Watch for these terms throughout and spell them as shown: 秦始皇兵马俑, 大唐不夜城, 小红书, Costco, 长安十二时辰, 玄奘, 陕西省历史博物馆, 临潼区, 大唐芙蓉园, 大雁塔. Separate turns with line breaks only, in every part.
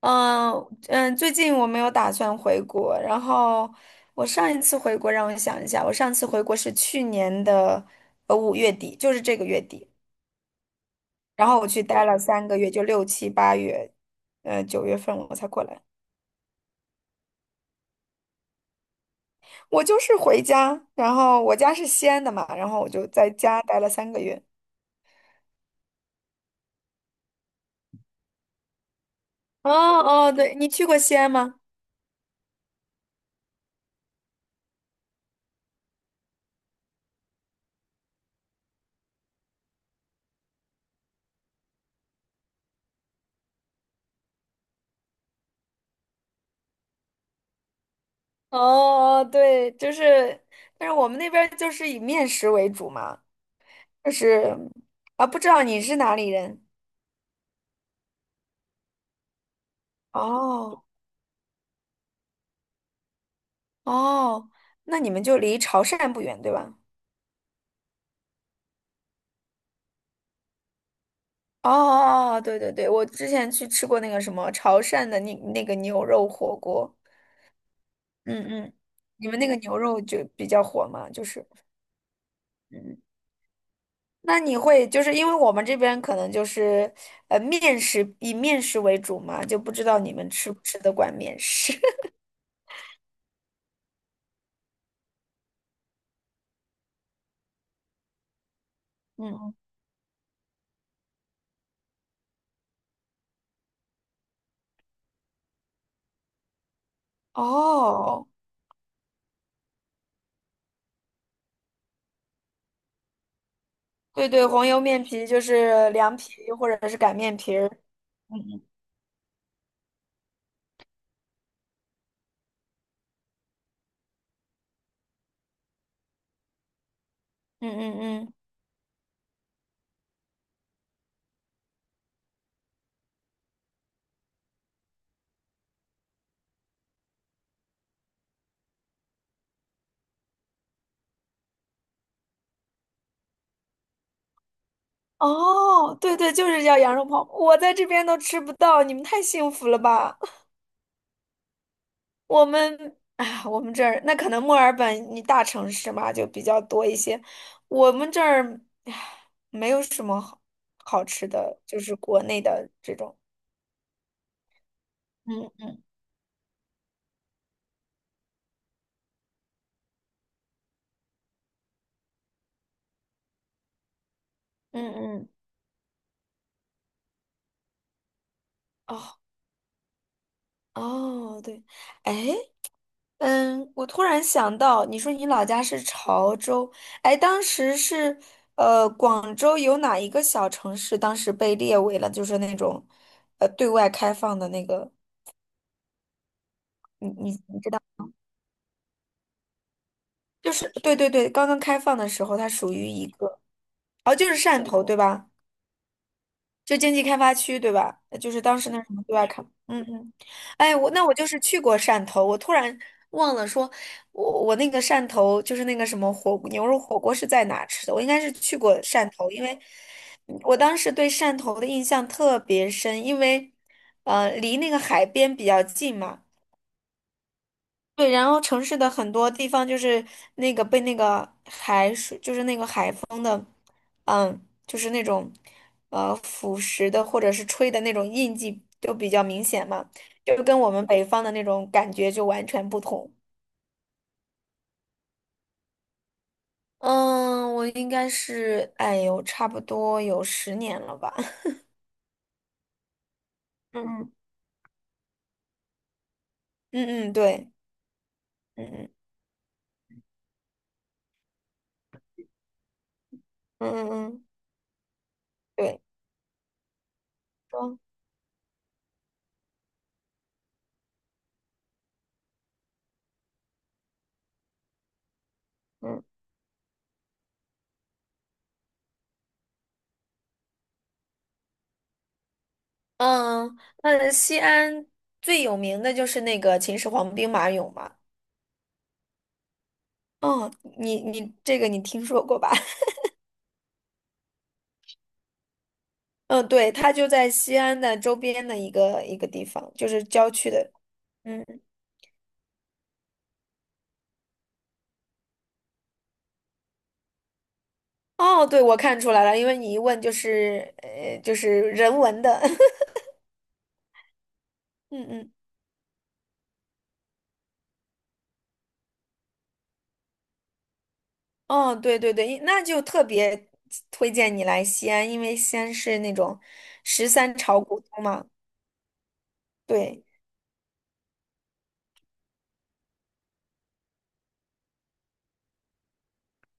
嗯嗯，最近我没有打算回国。然后我上一次回国，让我想一下，我上次回国是去年的5月底，就是这个月底。然后我去待了三个月，就六七八月，9月份我才过来。我就是回家，然后我家是西安的嘛，然后我就在家待了三个月。哦哦，对，你去过西安吗？哦哦，对，就是，但是我们那边儿就是以面食为主嘛，就是啊，不知道你是哪里人。哦哦，那你们就离潮汕不远，对吧？哦哦，对对对，我之前去吃过那个什么潮汕的那个牛肉火锅。嗯嗯，你们那个牛肉就比较火嘛，就是。嗯，那你会就是因为我们这边可能就是呃面食以面食为主嘛，就不知道你们吃不吃得惯面食。嗯，哦，对对，黄油面皮就是凉皮或者是擀面皮儿。嗯嗯嗯嗯嗯。哦，对对，就是叫羊肉泡馍，我在这边都吃不到，你们太幸福了吧？我们这儿那可能墨尔本你大城市嘛，就比较多一些。我们这儿唉没有什么好好吃的，就是国内的这种。嗯嗯嗯，哦哦，对，哎。嗯，我突然想到，你说你老家是潮州。哎，当时是广州有哪一个小城市当时被列为了就是那种对外开放的那个，你知道，就是对对对，刚刚开放的时候，它属于一个，哦，就是汕头对吧？就经济开发区，对吧？就是当时那什么对外开。嗯嗯，哎，我就是去过汕头，我突然忘了说，我那个汕头就是那个什么牛肉火锅是在哪吃的？我应该是去过汕头，因为我当时对汕头的印象特别深，因为离那个海边比较近嘛。对，然后城市的很多地方就是那个被那个海水，就是那个海风。嗯，就是那种腐蚀的或者是吹的那种印记都比较明显嘛，就跟我们北方的那种感觉就完全不同。嗯，我应该是，哎呦，差不多有10年了吧。嗯嗯嗯，对，嗯嗯嗯嗯嗯对。说嗯，嗯，那西安最有名的就是那个秦始皇兵马俑嘛。哦，你你这个你听说过吧？嗯，对，它就在西安的周边的一个地方，就是郊区的。嗯，哦，对，我看出来了，因为你一问就是就是人文的。嗯嗯，哦，对对对，那就特别推荐你来西安，因为西安是那种13朝古都嘛。对。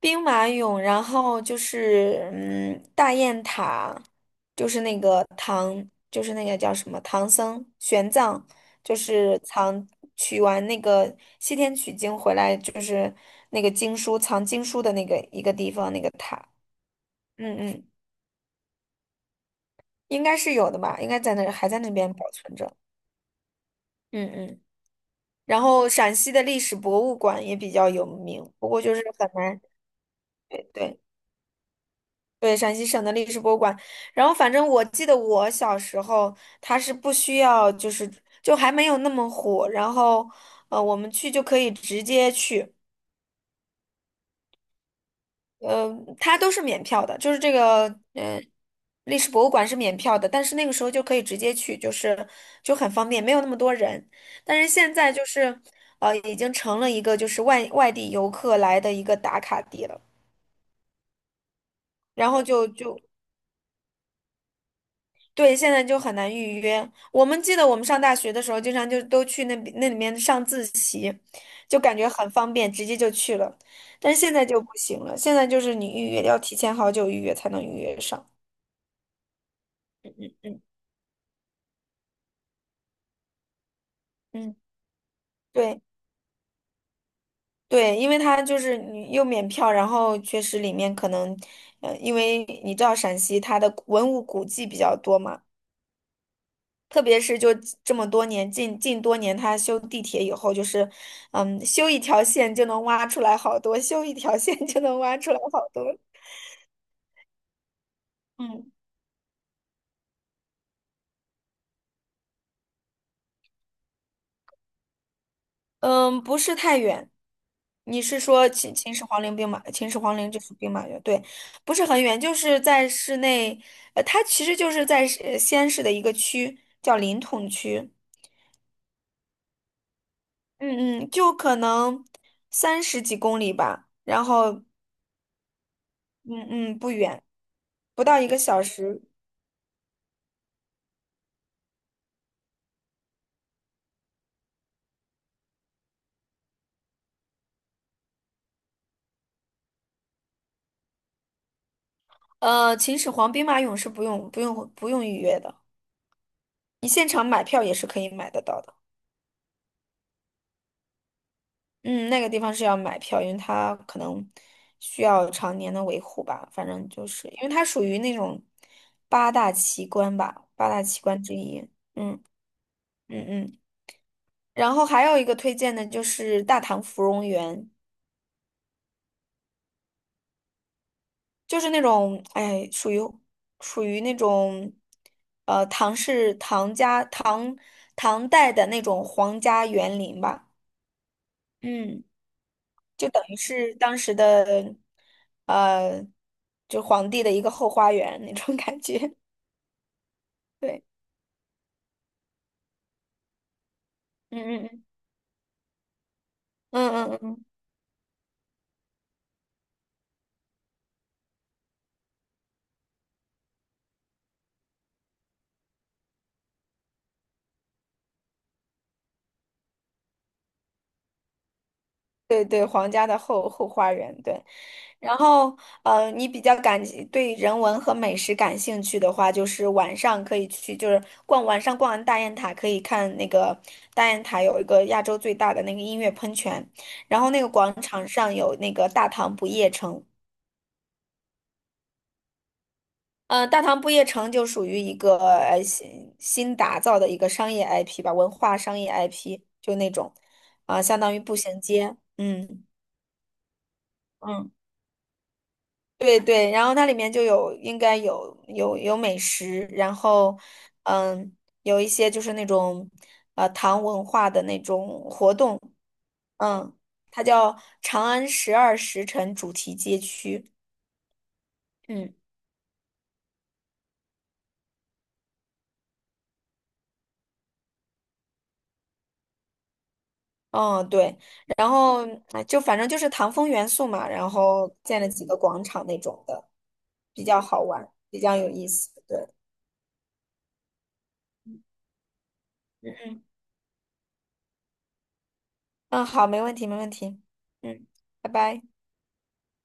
兵马俑，然后就是大雁塔，就是那个叫什么唐僧玄奘，就是取完那个西天取经回来，就是那个藏经书的那个一个地方那个塔。嗯嗯，应该是有的吧，应该在那儿还在那边保存着。嗯嗯。然后陕西的历史博物馆也比较有名，不过就是很难。对对。对，陕西省的历史博物馆。然后，反正我记得我小时候，它是不需要，就还没有那么火。然后，我们去就可以直接去，呃，它都是免票的，就是这个，嗯历史博物馆是免票的，但是那个时候就可以直接去，就很方便，没有那么多人。但是现在就是，已经成了一个就是外地游客来的一个打卡地了。然后就对，现在就很难预约。我们记得我们上大学的时候，经常就都去那里面上自习，就感觉很方便，直接就去了。但是现在就不行了，现在就是你预约要提前好久预约才能预约上。嗯嗯，对对，因为它就是你又免票，然后确实里面可能，因为你知道陕西它的文物古迹比较多嘛。特别是就这么多年，近多年，他修地铁以后，就是，嗯，修一条线就能挖出来好多，修一条线就能挖出来好多。嗯嗯，不是太远。你是说秦始皇陵就是兵马俑，对，不是很远，就是在市内，它其实就是在西安市的一个区，叫临潼区。嗯嗯，就可能30几公里吧，然后嗯不远，不到一个小时。秦始皇兵马俑是不用预约的，你现场买票也是可以买得到的。嗯，那个地方是要买票，因为它可能需要常年的维护吧。反正就是因为它属于那种八大奇观吧，八大奇观之一。嗯嗯。然后还有一个推荐的就是大唐芙蓉园，就是那种哎，属于那种呃唐氏唐家唐唐代的那种皇家园林吧。嗯。就等于是当时的，呃，就皇帝的一个后花园那种感觉。对，嗯嗯嗯嗯嗯嗯，对对，皇家的后花园。对，然后你比较对人文和美食感兴趣的话，就是晚上可以去，就是晚上逛完大雁塔，可以看那个大雁塔有一个亚洲最大的那个音乐喷泉，然后那个广场上有那个大唐不夜城。嗯，大唐不夜城就属于一个新打造的一个商业 IP 吧，文化商业 IP 就那种，啊、相当于步行街。嗯嗯，对对，然后它里面就有应该有美食，然后嗯有一些就是那种唐文化的那种活动。嗯，它叫长安十二时辰主题街区。嗯。嗯，对，然后哎就反正就是唐风元素嘛，然后建了几个广场那种的，比较好玩，比较有意思。对，嗯嗯，嗯，好，没问题，没问题。嗯，拜拜。